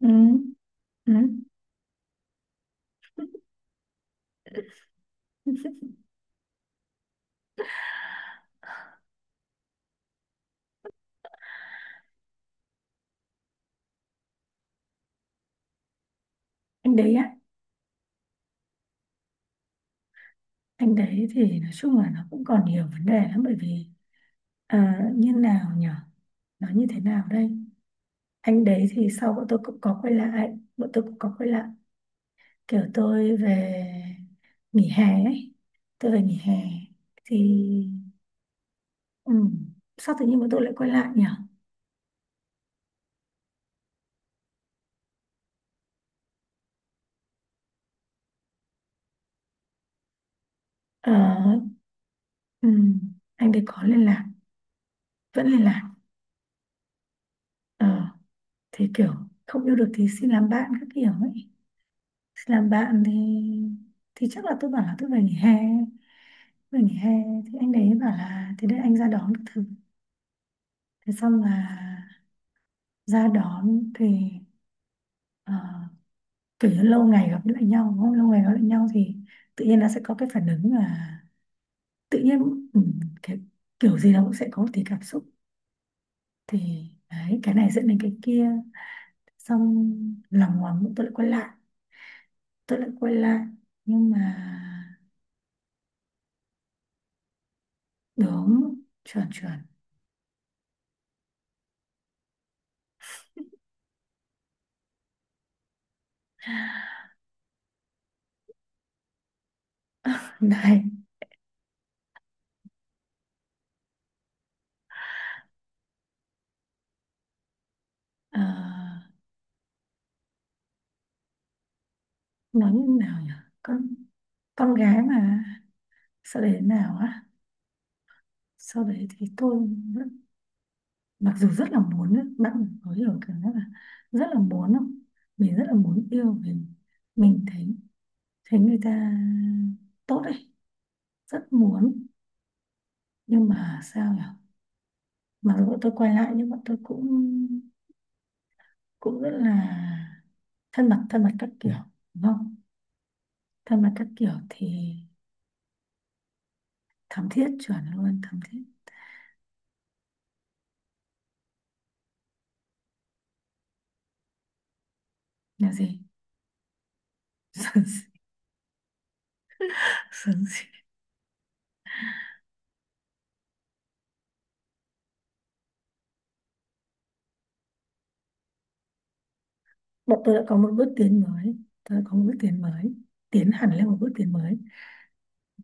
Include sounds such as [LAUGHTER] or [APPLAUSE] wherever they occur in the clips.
Ừ, ừ. [LAUGHS] Anh đấy á, anh đấy thì nói chung là nó cũng còn nhiều vấn đề lắm. Bởi vì như nào nhở, nó như thế nào đây. Anh đấy thì sau bọn tôi cũng có quay lại, kiểu tôi về nghỉ hè ấy, tôi về nghỉ hè thì ừ, sao tự nhiên bọn tôi lại quay lại nhở. Ờ, ừ, anh đấy có liên lạc, vẫn liên lạc. Ờ, thì kiểu không yêu được thì xin làm bạn các kiểu ấy, làm bạn thì chắc là tôi bảo là tôi về nghỉ hè, về nghỉ hè thì anh đấy bảo là thế để anh ra đón các thứ. Thế xong là ra đón thì ờ, kiểu như lâu ngày gặp lại nhau đúng không? Lâu ngày gặp lại nhau thì tự nhiên nó sẽ có cái phản ứng là tự nhiên ừ, cái kiểu gì nó cũng sẽ có một tí cảm xúc. Thì đấy, cái này dẫn đến cái kia, xong lòng ngoằng tôi lại quay lại, tôi lại quay lại nhưng mà đúng, chuẩn chuẩn. Này Ờ, nói như nào nhỉ, con con gái mà. Sau đấy thế nào á, sau đấy thì tôi vẫn-, mặc dù rất là muốn ấy, bạn có hiểu cảm giác là rất là muốn không, mình rất là muốn yêu mình thấy, thấy người ta tốt ấy, rất muốn. Nhưng mà sao nhỉ, mặc dù bọn tôi quay lại nhưng bọn tôi cũng cũng rất là thân mật, thân mật các kiểu, đúng không, thân mật các kiểu thì thắm thiết, chuẩn luôn, thắm thiết. Là gì [LAUGHS] sướng. Bọn tôi đã có một bước tiến mới, tôi đã có một bước tiến mới, tiến hẳn lên một bước tiến mới.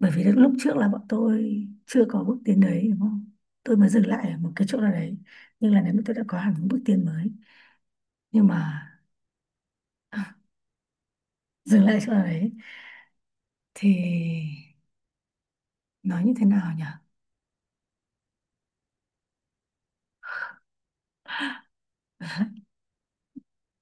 Bởi vì lúc trước là bọn tôi chưa có bước tiến đấy đúng không, tôi mới dừng lại ở một cái chỗ nào đấy, nhưng là nếu mà tôi đã có hẳn một bước tiến mới. Nhưng mà [LAUGHS] dừng lại chỗ nào đấy thì nói như thế nào nhỉ,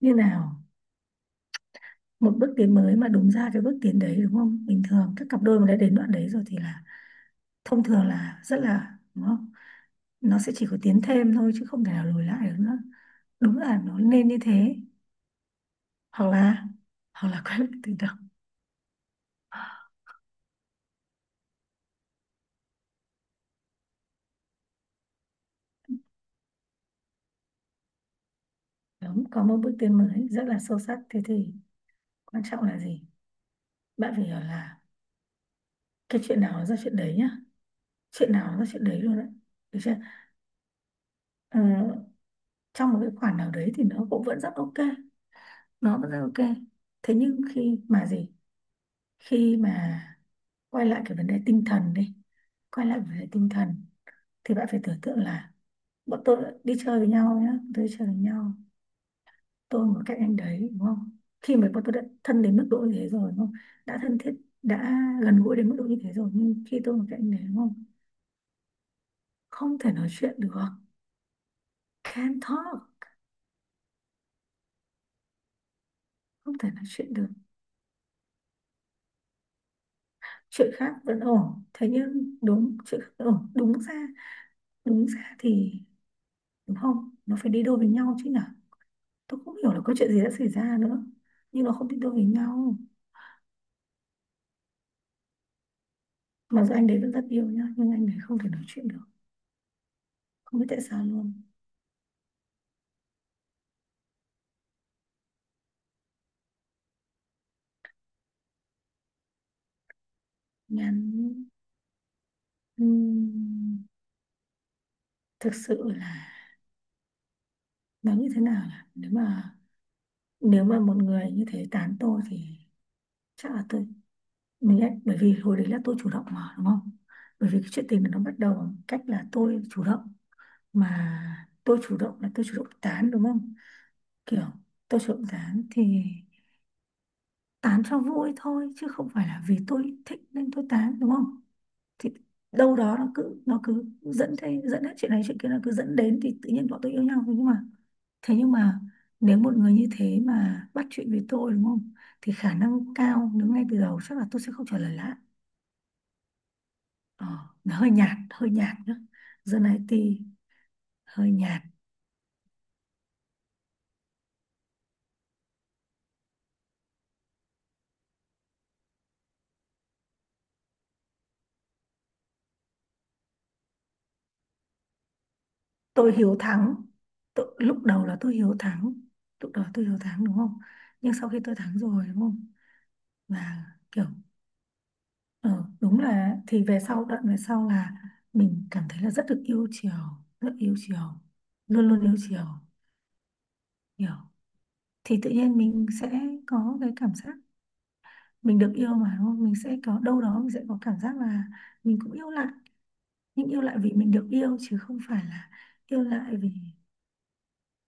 như nào. Một bước tiến mới mà đúng ra cái bước tiến đấy đúng không, bình thường các cặp đôi mà đã đến đoạn đấy rồi thì là thông thường là rất là đúng không, nó sẽ chỉ có tiến thêm thôi chứ không thể nào lùi lại được nữa. Đúng là nó nên như thế, hoặc là hoặc là quay lại từ đầu. Đúng, có một bước tiến mới rất là sâu sắc. Thế thì quan trọng là gì, bạn phải hiểu là cái chuyện nào nó ra chuyện đấy nhá, chuyện nào nó ra chuyện đấy luôn đấy, được chưa. Ờ, Trong một cái khoản nào đấy thì nó cũng vẫn rất ok, nó vẫn rất ok. Thế nhưng khi mà gì, khi mà quay lại cái vấn đề tinh thần đi, quay lại vấn đề tinh thần thì bạn phải tưởng tượng là bọn tôi đi chơi với nhau nhá, tôi đi chơi với nhau, tôi mà các anh đấy đúng không, khi mà bọn tôi đã thân đến mức độ như thế rồi đúng không, đã thân thiết, đã gần gũi đến mức độ như thế rồi nhưng khi tôi mà các anh đấy đúng không, không thể nói chuyện được, can't talk, không thể nói chuyện được. Chuyện khác vẫn ổn, thế nhưng đúng chuyện khác vẫn ổn, đúng ra, đúng ra thì đúng không, nó phải đi đôi với nhau chứ nhở. Tôi không hiểu là có chuyện gì đã xảy ra nữa, nhưng nó không đi đôi với nhau. Mặc dù anh đấy vẫn rất yêu nhá, nhưng anh đấy không thể nói chuyện được, không biết tại sao luôn. Nhắn ừm, thực sự là nó như thế nào, là nếu mà, nếu mà một người như thế tán tôi thì chắc là tôi mình lại. Bởi vì hồi đấy là tôi chủ động mà đúng không, bởi vì cái chuyện tình nó bắt đầu bằng cách là tôi chủ động, mà tôi chủ động là tôi chủ động tán đúng không, kiểu tôi chủ động tán thì tán cho vui thôi chứ không phải là vì tôi thích nên tôi tán đúng không. Thì đâu đó nó cứ dẫn thế, dẫn hết chuyện này chuyện kia, nó cứ dẫn đến thì tự nhiên bọn tôi yêu nhau thôi. Nhưng mà thế nhưng mà nếu một người như thế mà bắt chuyện với tôi đúng không, thì khả năng cao nếu ngay từ đầu chắc là tôi sẽ không trả lời lại. ờ, nó hơi nhạt, hơi nhạt nhá, dân IT, hơi nhạt. Tôi hiếu thắng, tôi, lúc đầu là tôi hiếu thắng, lúc đầu tôi hiếu thắng đúng không, nhưng sau khi tôi thắng rồi đúng không, là kiểu Ừ, đúng là thì về sau, đoạn về sau là mình cảm thấy là rất được yêu chiều, rất yêu chiều, luôn luôn yêu chiều, hiểu. Thì tự nhiên mình sẽ có cái cảm giác mình được yêu mà đúng không, mình sẽ có đâu đó, mình sẽ có cảm giác là mình cũng yêu lại. Nhưng yêu lại vì mình được yêu chứ không phải là yêu lại vì,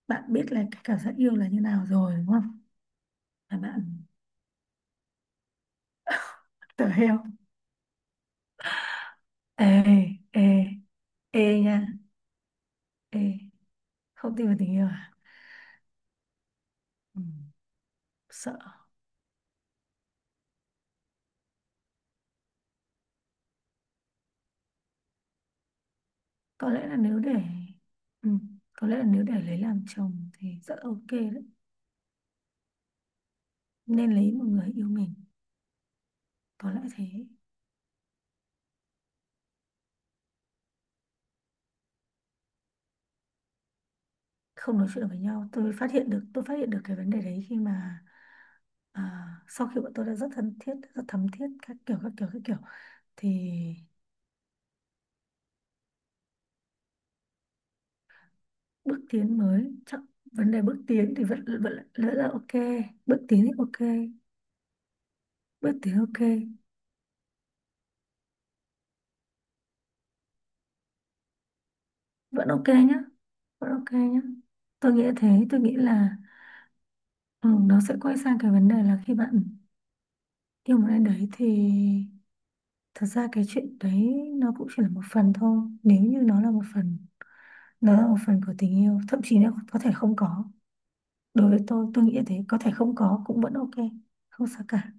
bạn biết là cái cảm giác yêu là như nào rồi đúng không, là bạn tở heo. Ê, ê, ê nha, ê, không tin vào tình yêu à, ừ, sợ. Có lẽ là nếu để ừ, có lẽ là nếu để lấy làm chồng thì rất ok đấy, nên lấy một người yêu mình, có lẽ thế. Không nói chuyện với nhau, tôi phát hiện được, tôi phát hiện được cái vấn đề đấy khi mà sau khi bọn tôi đã rất thân thiết, rất thấm thiết các kiểu các kiểu các kiểu. Thì bước tiến mới chắc, vấn đề bước tiến thì vẫn vẫn vẫn là ok, bước tiến thì ok, bước tiến ok. Vẫn ok nhá, vẫn ok nhá, tôi nghĩ thế, tôi nghĩ là Ừ, nó sẽ quay sang cái vấn đề là khi bạn yêu một ai đấy thì thật ra cái chuyện đấy nó cũng chỉ là một phần thôi. Nếu như nó là một phần, nó là một phần của tình yêu, thậm chí nó có thể không có. Đối với tôi nghĩ thế, có thể không có cũng vẫn ok, không sao cả.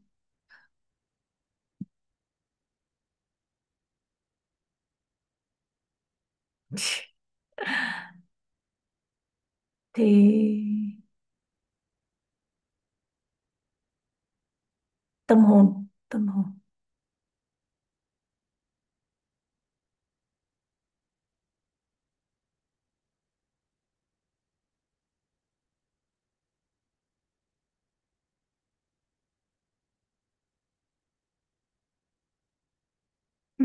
[LAUGHS] Thì tâm hồn, tâm hồn. Ừ.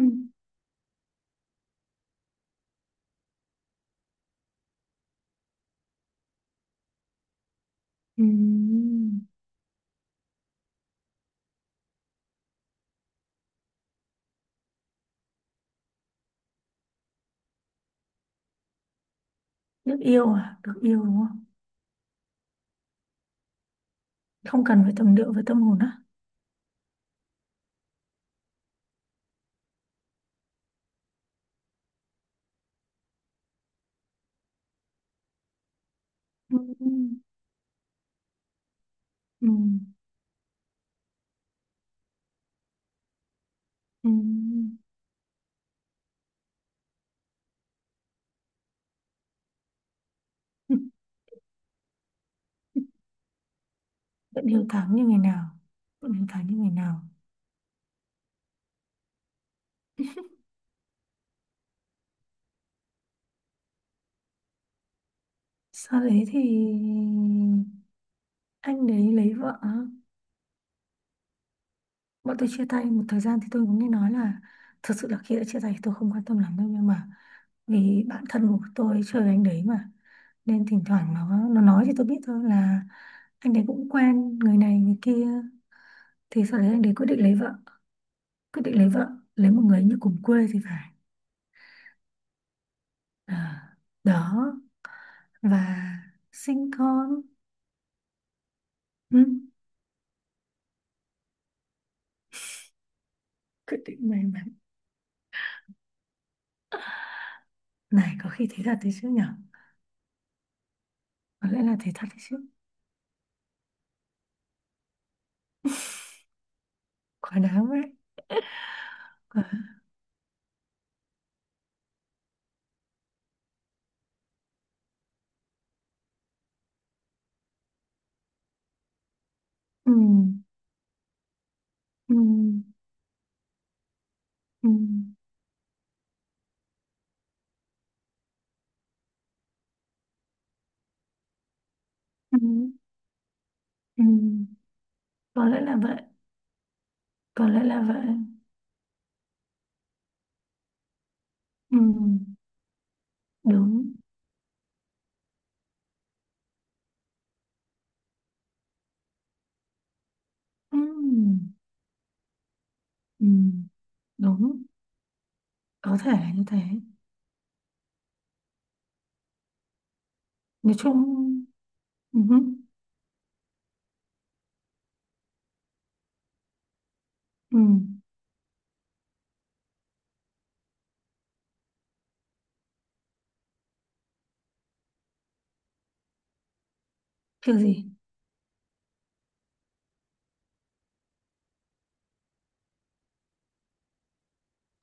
Ừ. Được yêu à, được yêu đúng không, không cần phải tầm điệu với tâm hồn á. Ừ. Ừ. Ừ. [LAUGHS] Vẫn hiếu thắng như ngày nào, vẫn hiếu thắng như ngày nào. Sau đấy thì anh đấy lấy vợ, bọn tôi chia tay một thời gian thì tôi cũng nghe nói là, thật sự là khi đã chia tay thì tôi không quan tâm lắm đâu, nhưng mà vì bạn thân của tôi chơi với anh đấy mà, nên thỉnh thoảng nó nói thì tôi biết thôi là anh đấy cũng quen người này người kia. Thì sau đấy anh đấy quyết định lấy vợ, quyết định lấy vợ, lấy một người như cùng quê thì phải, à, đó, và sinh con. Ừ, quyết định may mắn. Này, có khi thế thật đấy chứ nhở. Có lẽ là thế thật đấy chứ. Quá đáng đấy. Quá... Ừ, ừ, ừ, ừ, ừ. Có lẽ là vậy. Có lẽ là vậy. Ừ, đúng. Ừ, ừ, đúng. Có thể là như thế. Nói chung ừ, ừ. Ừ. Kiểu gì.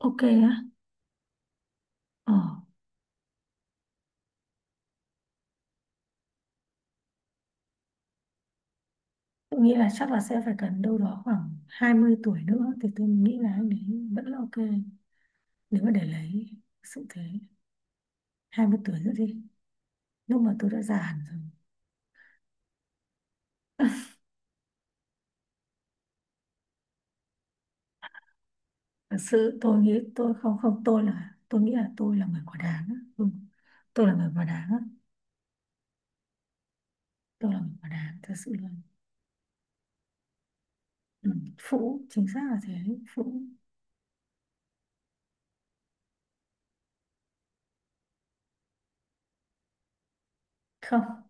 Ok á. Ờ. Tôi nghĩ là chắc là sẽ phải cần đâu đó khoảng 20 tuổi nữa thì tôi nghĩ là anh ấy vẫn là ok, nếu mà để lấy, sự thế, 20 tuổi nữa đi, lúc mà tôi đã già hẳn rồi. Thật sự tôi nghĩ tôi không không, tôi là tôi nghĩ là tôi là người quả đáng á. Ừ. Tôi là người quả đáng á, tôi là người quả đáng, thật sự là ừ. Phụ, chính xác là thế, phụ. Không,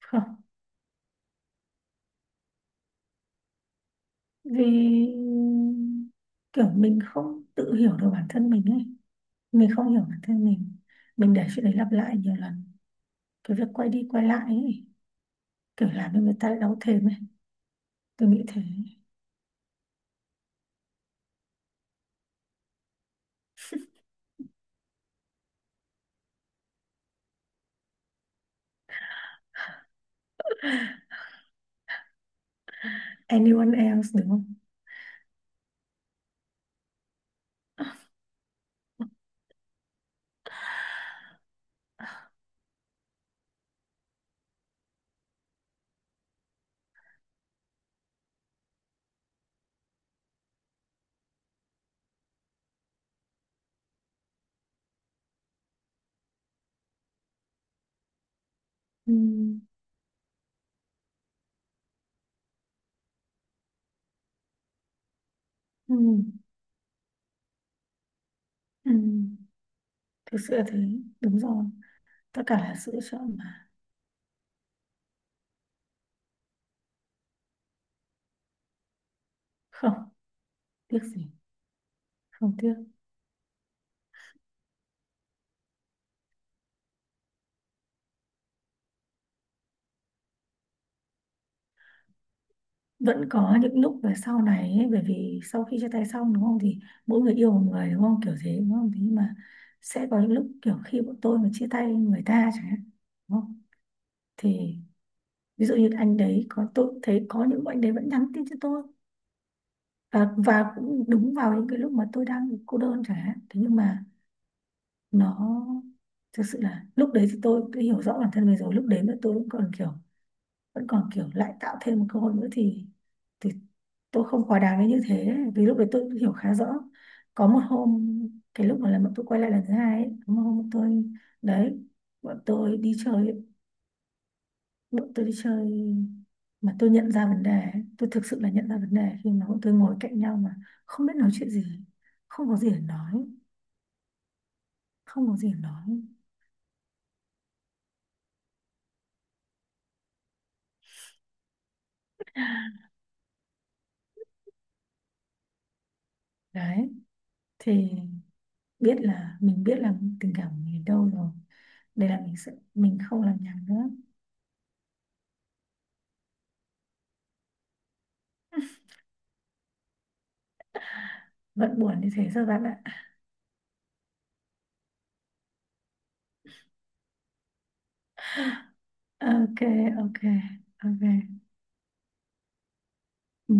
không. Vì kiểu mình không tự hiểu được bản thân mình ấy, mình không hiểu bản thân mình để chuyện đấy lặp lại nhiều lần, cái việc quay đi quay lại ấy, kiểu làm cho người ta đau thêm ấy, tôi nghĩ thế. Anyone else đúng không. Ừ. Ừ, ừ, thực sự là thế, đúng rồi, tất cả là sự chọn mà, không, tiếc gì, không tiếc. Vẫn có những lúc về sau này ấy, bởi vì sau khi chia tay xong đúng không, thì mỗi người yêu một người đúng không, kiểu thế đúng không, thế nhưng mà sẽ có những lúc kiểu khi bọn tôi mà chia tay người ta chẳng hạn, đúng không, thì ví dụ như anh đấy, có tôi cũng thấy có những anh đấy vẫn nhắn tin cho tôi, và cũng đúng vào những cái lúc mà tôi đang cô đơn chẳng hạn, thế nhưng mà nó thực sự là lúc đấy thì tôi đã hiểu rõ bản thân mình rồi, lúc đấy mà tôi vẫn còn kiểu, vẫn còn kiểu lại tạo thêm một cơ hội nữa thì tôi không quá đáng đến như thế, vì lúc đấy tôi cũng hiểu khá rõ. Có một hôm, cái lúc mà là bọn tôi quay lại lần thứ hai ấy, có một hôm bọn tôi, đấy, bọn tôi đi chơi ấy, bọn tôi đi chơi mà tôi nhận ra vấn đề ấy, tôi thực sự là nhận ra vấn đề khi mà bọn tôi ngồi cạnh nhau mà không biết nói chuyện gì, không có gì để nói, không có gì để nói. Đấy thì biết là mình biết là tình cảm của mình ở đâu rồi, đây là mình sẽ mình không làm nhảm nữa. Vẫn buồn như thế rồi bạn ạ. Ok, ok, ok. Ừ.